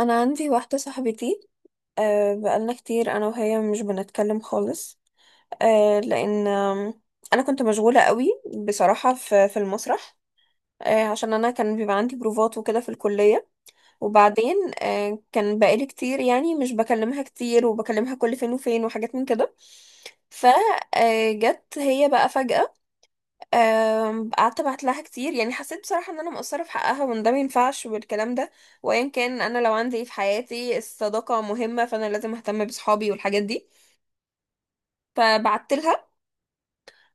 انا عندي واحده صاحبتي. بقالنا كتير انا وهي مش بنتكلم خالص. أه لان آم، انا كنت مشغوله قوي بصراحه في المسرح، عشان انا كان بيبقى عندي بروفات وكده في الكليه. وبعدين، كان بقالي كتير يعني مش بكلمها كتير، وبكلمها كل فين وفين وحاجات من كده. فجت هي بقى فجاه، قعدت ابعت لها كتير، يعني حسيت بصراحه ان انا مقصره في حقها وان ده ما ينفعش والكلام ده. وايا كان، انا لو عندي إيه في حياتي الصداقه مهمه، فانا لازم اهتم بصحابي والحاجات دي. فبعت لها.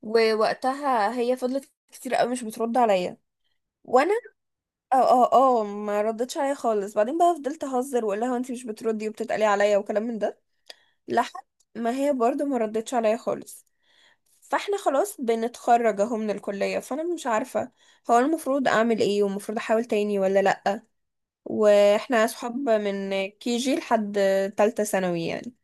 ووقتها هي فضلت كتير قوي مش بترد عليا، وانا اه اه ما ردتش عليا خالص. بعدين بقى فضلت اهزر واقول لها انت مش بتردي وبتتقلي عليا وكلام من ده، لحد ما هي برضو ما ردتش عليا خالص. فاحنا خلاص بنتخرج اهو من الكلية، فانا مش عارفة هو المفروض اعمل ايه، ومفروض احاول تاني ولا لأ. واحنا صحاب من KG لحد تالتة ثانوي يعني.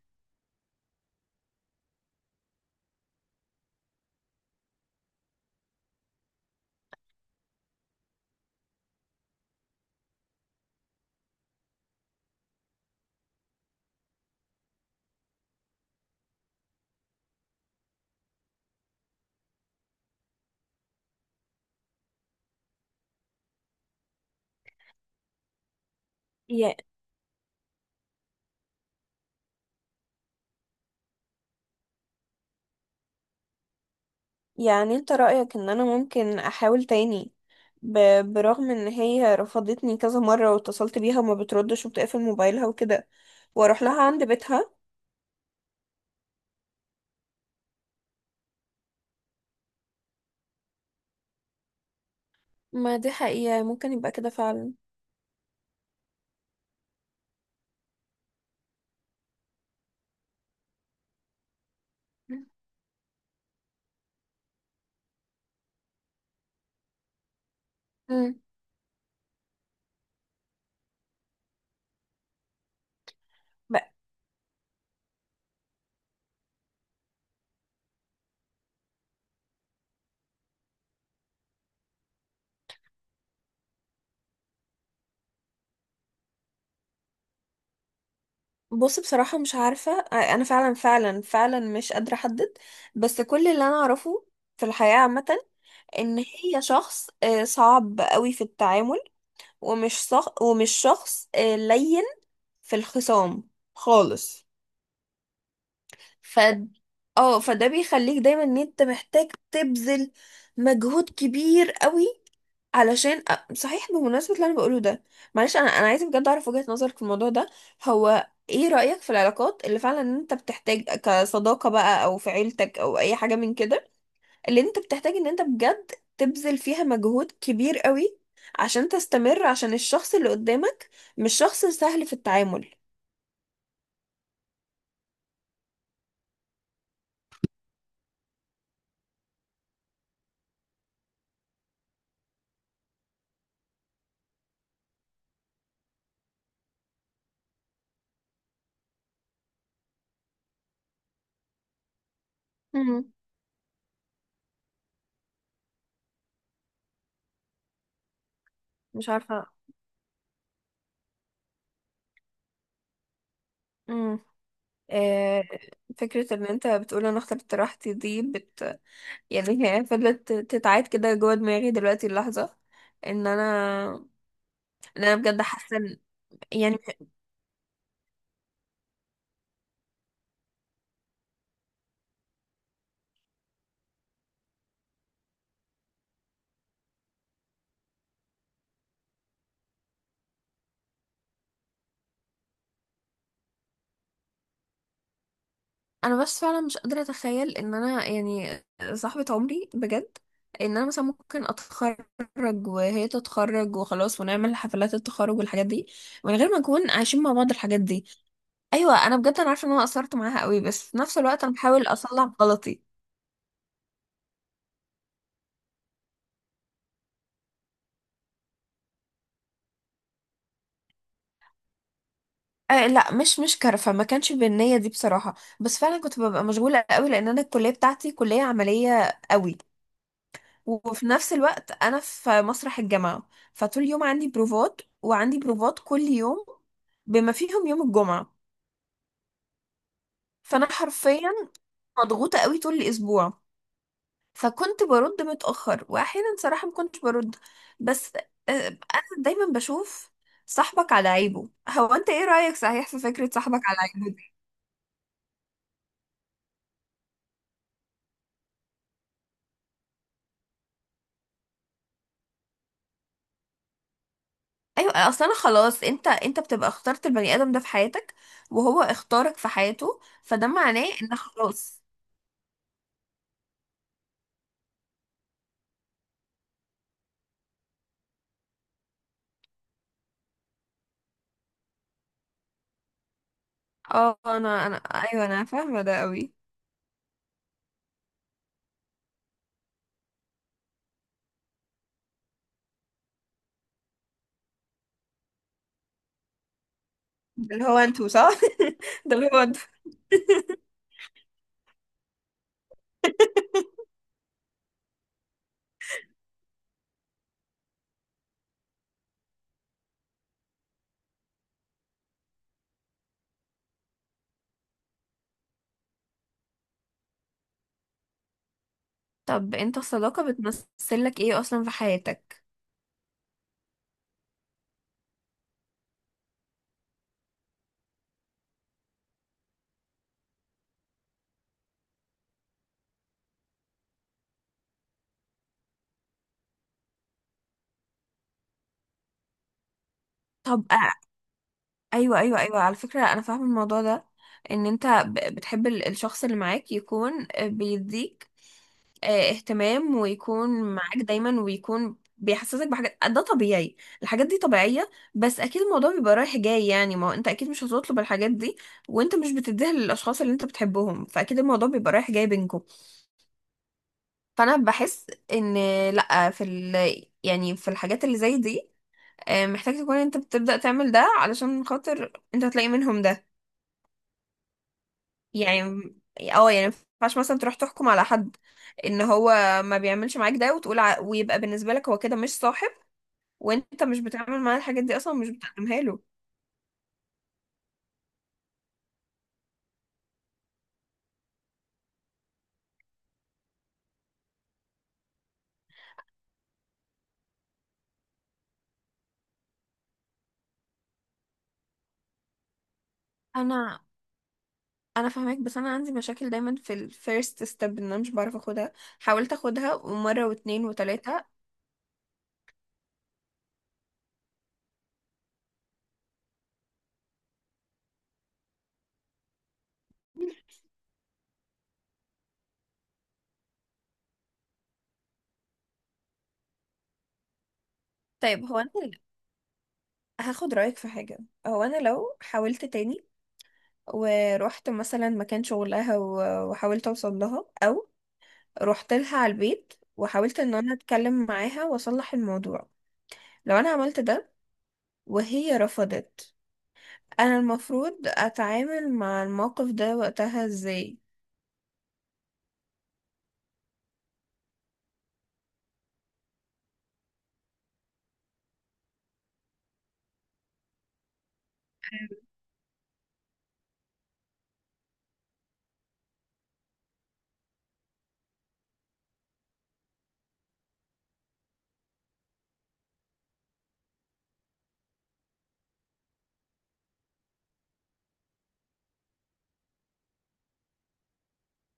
ي- يعني انت رأيك ان انا ممكن احاول تاني، برغم ان هي رفضتني كذا مرة، واتصلت بيها وما بتردش وبتقفل موبايلها وكده، واروح لها عند بيتها؟ ما دي حقيقة ممكن يبقى كده فعلا. مم. بص، بصراحة مش عارفة، أنا فعلا فعلا فعلا مش قادرة أحدد. بس كل اللي أنا أعرفه في الحياة عامة إن هي شخص صعب قوي في التعامل، ومش شخص لين في الخصام خالص. ف اه فده بيخليك دايما ان انت محتاج تبذل مجهود كبير قوي علشان. صحيح، بمناسبة اللي انا بقوله ده، معلش، انا عايزه بجد اعرف وجهة نظرك في الموضوع ده. هو ايه رأيك في العلاقات اللي فعلا انت بتحتاج، كصداقة بقى او في عيلتك او اي حاجة من كده، اللي انت بتحتاج ان انت بجد تبذل فيها مجهود كبير قوي عشان تستمر، عشان الشخص اللي قدامك مش شخص سهل في التعامل؟ مم. مش عارفة. آه، فكرة ان انت بتقول انا اخترت راحتي دي. يعني هي فضلت تتعاد كده جوه دماغي دلوقتي اللحظة، ان انا، ان انا بجد حاسة يعني انا بس فعلا مش قادرة اتخيل ان انا يعني صاحبة عمري بجد، ان انا مثلا ممكن اتخرج وهي تتخرج وخلاص، ونعمل حفلات التخرج والحاجات دي من غير ما نكون عايشين مع بعض الحاجات دي. ايوه، انا بجد انا عارفة ان انا قصرت معاها قوي، بس في نفس الوقت انا بحاول اصلح غلطي. آه لا، مش كرفة، ما كانش بالنية دي بصراحة، بس فعلا كنت ببقى مشغولة قوي، لأن أنا الكلية بتاعتي كلية عملية قوي، وفي نفس الوقت أنا في مسرح الجامعة، فطول اليوم عندي بروفات، وعندي بروفات كل يوم بما فيهم يوم الجمعة. فأنا حرفيا مضغوطة قوي طول الأسبوع، فكنت برد متأخر، وأحيانا صراحة ما كنتش برد. بس أنا دايما بشوف صاحبك على عيبه. هو أنت إيه رأيك صحيح في فكرة صاحبك على عيبه؟ ايوه، اصل انا خلاص، انت بتبقى اخترت البني ادم ده في حياتك، وهو اختارك في حياته، فده معناه ان خلاص. اه انا انا ايوه، انا فاهمه ده قوي. ده اللي هو انتوا صح. ده اللي هو انتوا. طب انت الصداقه بتمثل لك ايه اصلا في حياتك؟ طب. ايوه ايوه ايوه، على فكره انا فاهمه الموضوع ده. ان انت بتحب الشخص اللي معاك يكون بيديك اهتمام، ويكون معاك دايما، ويكون بيحسسك بحاجات، ده طبيعي. الحاجات دي طبيعية. بس اكيد الموضوع بيبقى رايح جاي، يعني ما هو انت اكيد مش هتطلب الحاجات دي وانت مش بتديها للاشخاص اللي انت بتحبهم، فاكيد الموضوع بيبقى رايح جاي بينكم. فانا بحس ان لا، في يعني في الحاجات اللي زي دي، محتاج تكون انت بتبدأ تعمل ده علشان خاطر انت هتلاقي منهم ده. يعني، اه يعني ما ينفعش مثلا تروح تحكم على حد ان هو ما بيعملش معاك ده، ويبقى بالنسبة لك هو كده مش صاحب، وانت مش بتعمل معاه الحاجات دي اصلا، مش بتقدمها له. انا انا فاهمك، بس انا عندي مشاكل دايما في الفيرست ستيب، ان انا مش بعرف اخدها. حاولت اخدها مره واتنين وتلاته. طيب، هو انا هاخد رايك في حاجه. هو انا لو حاولت تاني ورحت مثلا مكان شغلها وحاولت اوصل لها، رحت لها على البيت وحاولت ان انا اتكلم معاها واصلح الموضوع، لو انا عملت ده وهي رفضت، انا المفروض اتعامل مع الموقف ده وقتها ازاي؟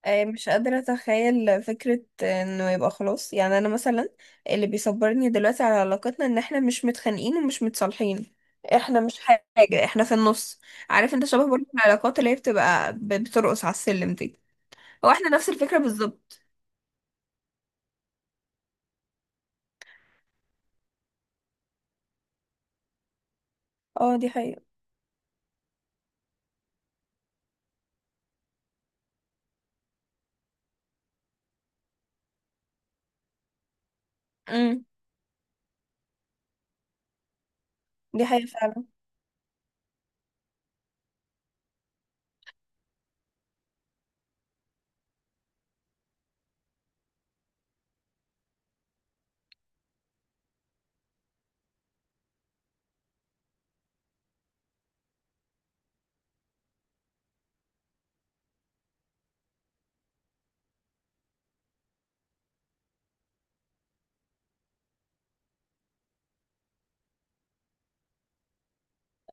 مش قادرة اتخيل فكرة انه يبقى خلاص، يعني انا مثلا اللي بيصبرني دلوقتي على علاقتنا ان احنا مش متخانقين ومش متصالحين. احنا مش حاجة، احنا في النص. عارف انت، شبه برضه العلاقات اللي هي بتبقى بترقص على السلم دي. هو احنا نفس الفكرة بالظبط. اه، دي حقيقة. امم. دي حقيقة فعلا.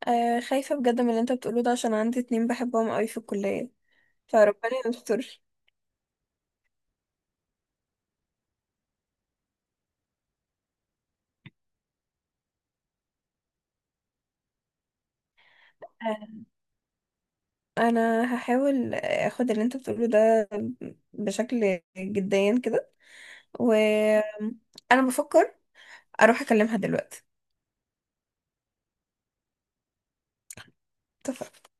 آه، خايفة بجد من اللي انت بتقوله ده، عشان عندي اتنين بحبهم قوي في الكلية، فربنا يستر. آه، انا هحاول اخد اللي انت بتقوله ده بشكل جديا كده. وانا بفكر اروح اكلمها دلوقتي. اتفقنا.